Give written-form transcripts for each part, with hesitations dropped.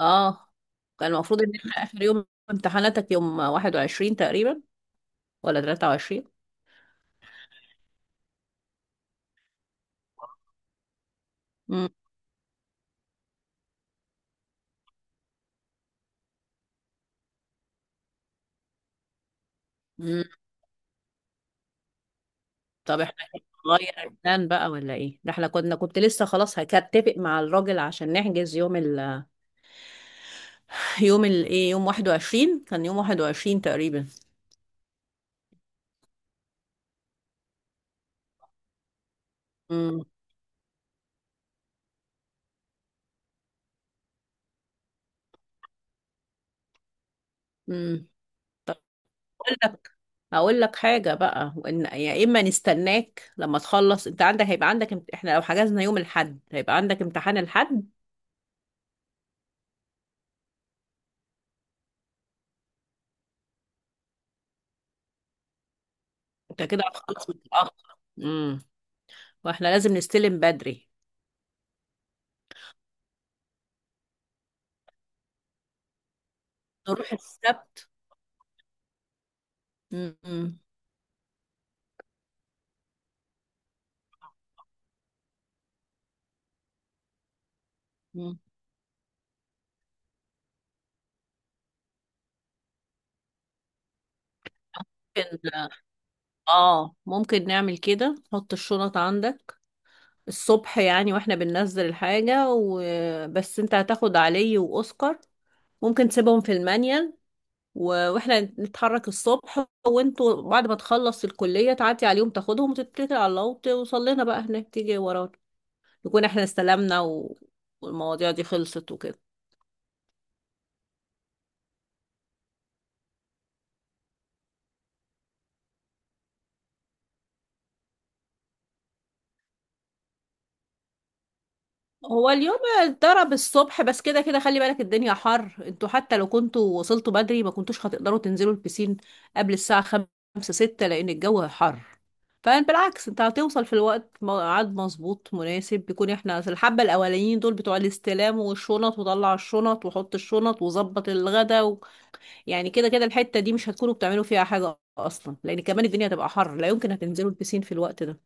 اه كان المفروض ان احنا اخر يوم امتحاناتك يوم 21 تقريبا ولا 23. امم. أمم. طب احنا نغير البلان بقى ولا ايه ده؟ احنا كنت لسه خلاص هكتفق مع الراجل عشان نحجز يوم ال يوم ال ايه يوم 21 كان يوم 21 تقريبا. امم. امم. طب اقول لك اقول لك حاجه بقى، وان يا اما نستناك لما تخلص، انت هيبقى عندك. احنا لو حجزنا يوم الاحد هيبقى عندك امتحان الحد. انت كده هتخلص متاخر، واحنا لازم نستلم بدري. نروح السبت. م- م- ممكن اه ممكن نعمل كده، حط الشنط عندك الصبح يعني، واحنا بننزل الحاجة وبس. انت هتاخد علي وأوسكار، ممكن تسيبهم في المانيال، واحنا نتحرك الصبح. وانتوا بعد ما تخلص الكلية تعدي عليهم تاخدهم وتتكل على الله وتوصل لنا بقى هناك، تيجي ورانا نكون احنا استلمنا والمواضيع دي خلصت وكده. هو اليوم اتضرب الصبح، بس كده كده خلي بالك الدنيا حر، انتوا حتى لو كنتوا وصلتوا بدري ما كنتوش هتقدروا تنزلوا البسين قبل الساعة خمسة ستة، لأن الجو حر. فبالعكس، انت هتوصل في الوقت ميعاد مظبوط مناسب، بيكون احنا في الحبة الأولانيين دول بتوع الاستلام والشنط وطلع الشنط وحط الشنط وظبط الغدا، يعني كده كده الحتة دي مش هتكونوا بتعملوا فيها حاجة أصلا، لأن كمان الدنيا هتبقى حر، لا يمكن هتنزلوا البسين في الوقت ده.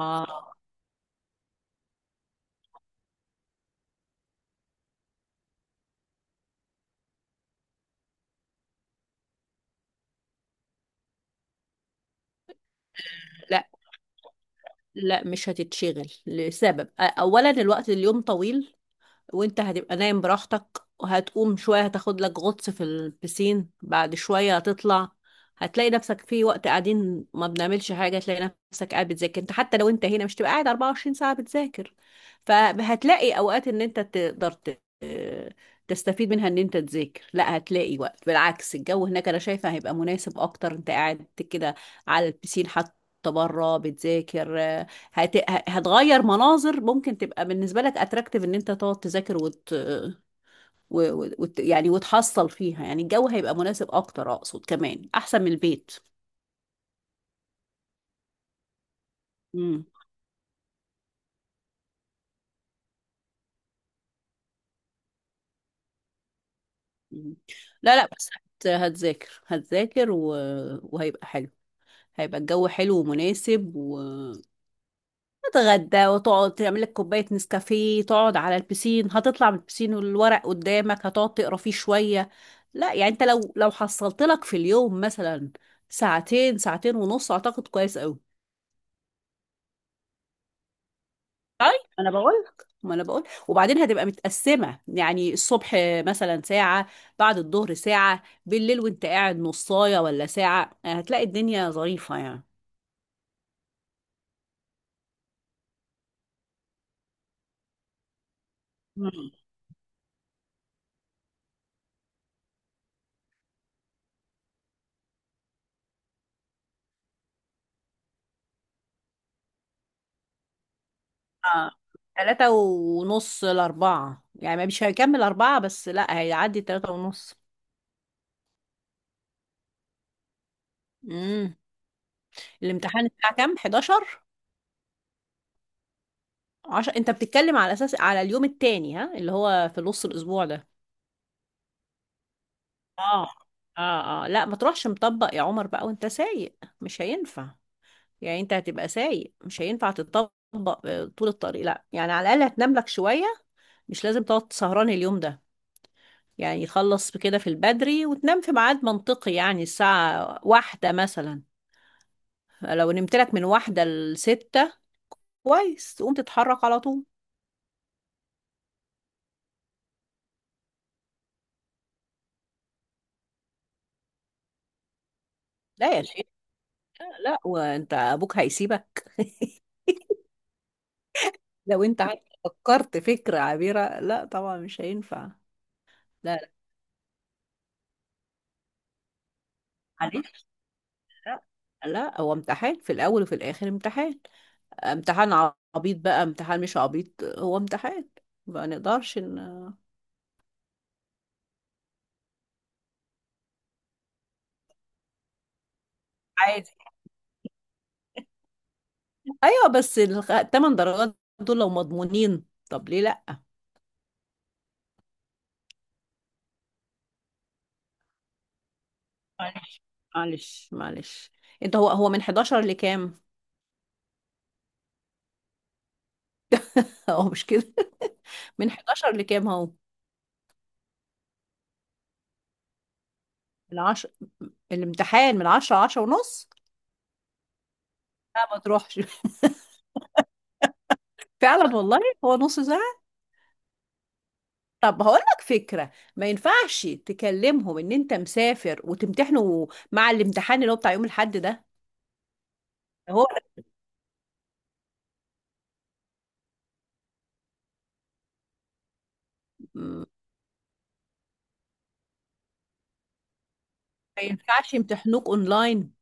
آه. لا مش هتتشغل، لسبب اولا الوقت اليوم طويل، وانت هتبقى نايم براحتك، وهتقوم شوية هتاخد لك غطس في البسين، بعد شوية هتطلع، هتلاقي نفسك في وقت قاعدين ما بنعملش حاجة، تلاقي نفسك قاعد بتذاكر. انت حتى لو انت هنا مش تبقى قاعد 24 ساعة بتذاكر، فهتلاقي اوقات ان انت تقدر تستفيد منها ان انت تذاكر. لا، هتلاقي وقت، بالعكس الجو هناك انا شايفة هيبقى مناسب اكتر، انت قاعد كده على البسين حتى بره بتذاكر، هتغير مناظر، ممكن تبقى بالنسبة لك اتراكتيف ان انت تقعد تذاكر وت... و... و... وت... يعني وتحصل فيها، يعني الجو هيبقى مناسب اكتر، اقصد كمان احسن من البيت. مم. مم. لا لا، بس هت... هتذاكر هتذاكر وهيبقى حلو، هيبقى الجو حلو ومناسب تتغدى وتقعد تعمل لك كوباية نسكافيه، تقعد على البسين، هتطلع من البسين والورق قدامك هتقعد تقرا فيه شوية. لا، يعني انت لو حصلت لك في اليوم مثلا ساعتين ساعتين ونص اعتقد كويس قوي. طيب، انا بقول لك، ما انا بقول، وبعدين هتبقى متقسمة يعني، الصبح مثلا ساعة، بعد الظهر ساعة، بالليل وانت قاعد نصاية ولا ساعة، هتلاقي الدنيا ظريفة يعني. اه تلاتة ونص لأربعة يعني، مش هيكمل أربعة بس، لا هيعدي تلاتة ونص. امم الامتحان الساعة كام؟ 11؟ 10؟ أنت بتتكلم على أساس على اليوم التاني، ها، اللي هو في نص الأسبوع ده؟ اه اه اه. لا ما تروحش مطبق يا عمر بقى وأنت سايق، مش هينفع. يعني أنت هتبقى سايق، مش هينفع تطبق طول الطريق، لا يعني على الأقل هتنام لك شوية، مش لازم تقعد سهران اليوم ده، يعني يخلص بكده في البدري وتنام في ميعاد منطقي، يعني الساعة واحدة مثلا، لو نمت لك من واحدة لستة كويس، تقوم تتحرك على طول. لا يا شيخة، لا وانت ابوك هيسيبك؟ لو انت فكرت فكرة عبيرة، لا طبعا مش هينفع. لا لا. معلش. لا لا. هو امتحان في الاول وفي الاخر امتحان، امتحان عبيط بقى امتحان مش عبيط، هو امتحان، ما نقدرش ان... عادي، ايوه، بس الثمان درجات دول لو مضمونين طب ليه لا؟ معلش معلش معلش. انت هو من 11 لكام؟ هو مش كده. من 11 لكام هو؟ من 10، الامتحان من 10 10 ونص، لا ما تروحش. فعلا والله هو نص ساعة. طب هقول لك فكرة، ما ينفعش تكلمهم ان انت مسافر وتمتحنوا مع الامتحان اللي هو بتاع يوم الاحد ده؟ هو ما ينفعش يمتحنوك اونلاين؟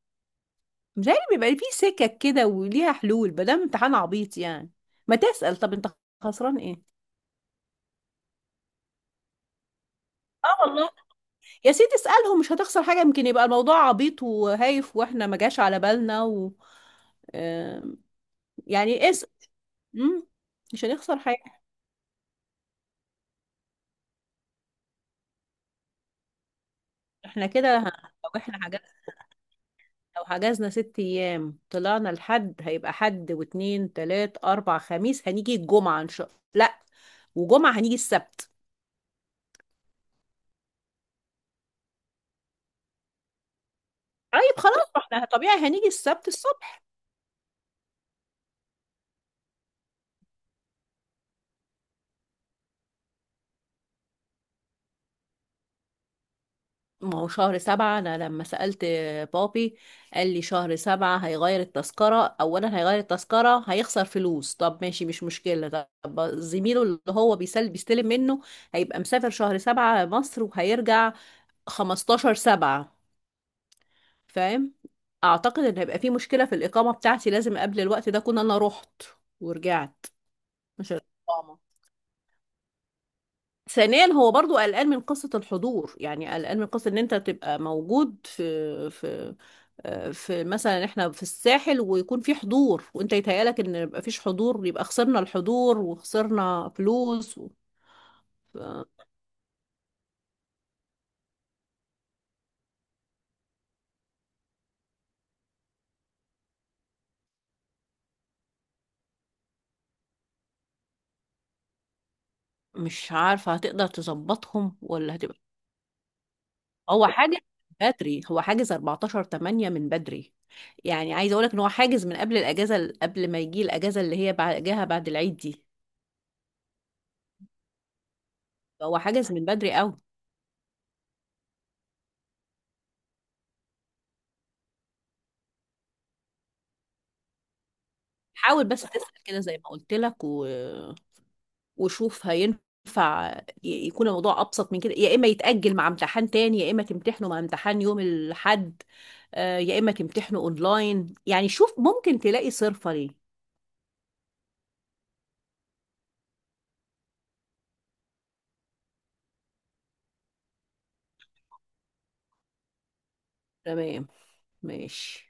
متهيألي بيبقى فيه سكك كده وليها حلول ما دام امتحان عبيط يعني، ما تسأل، طب انت خسران ايه؟ اه والله يا سيدي، اسألهم، مش هتخسر حاجة، يمكن يبقى الموضوع عبيط وهايف واحنا ما جاش على بالنا آم، يعني اسأل، مم، مش هنخسر حاجة. احنا كده لو احنا حجزنا لو حجزنا 6 ايام، طلعنا الحد هيبقى حد واتنين تلات اربع خميس، هنيجي الجمعة ان شاء الله. لا، وجمعة هنيجي السبت. طيب خلاص، ما احنا طبيعي هنيجي السبت الصبح. ما هو شهر سبعة، أنا لما سألت بابي قال لي شهر سبعة هيغير التذكرة، أولا هيغير التذكرة هيخسر فلوس، طب ماشي مش مشكلة، طب زميله اللي هو بيسل بيستلم منه هيبقى مسافر شهر سبعة مصر وهيرجع 15/7، فاهم؟ أعتقد إن هيبقى في مشكلة في الإقامة بتاعتي، لازم قبل الوقت ده أكون أنا رحت ورجعت. مش الإقامة، ثانيا هو برضو قلقان من قصة الحضور، يعني قلقان من قصة ان انت تبقى موجود في مثلا احنا في الساحل ويكون في حضور، وانت يتهيألك ان يبقى فيش حضور، يبقى خسرنا الحضور وخسرنا فلوس ف- مش عارفة هتقدر تظبطهم ولا هتبقى. هو حاجة بدري، هو حاجز 14 8 من بدري، يعني عايزة اقولك ان هو حاجز من قبل الاجازة، قبل ما يجي الاجازة اللي هي بعدها بعد العيد دي، هو حاجز من بدري قوي. حاول بس تسأل كده زي ما قلت لك وشوف هينفع يكون الموضوع أبسط من كده، يا إما يتأجل مع امتحان تاني، يا إما تمتحنه مع امتحان يوم الحد، يا إما تمتحنه أونلاين، يعني شوف ممكن تلاقي صرفة ليه. تمام. ماشي.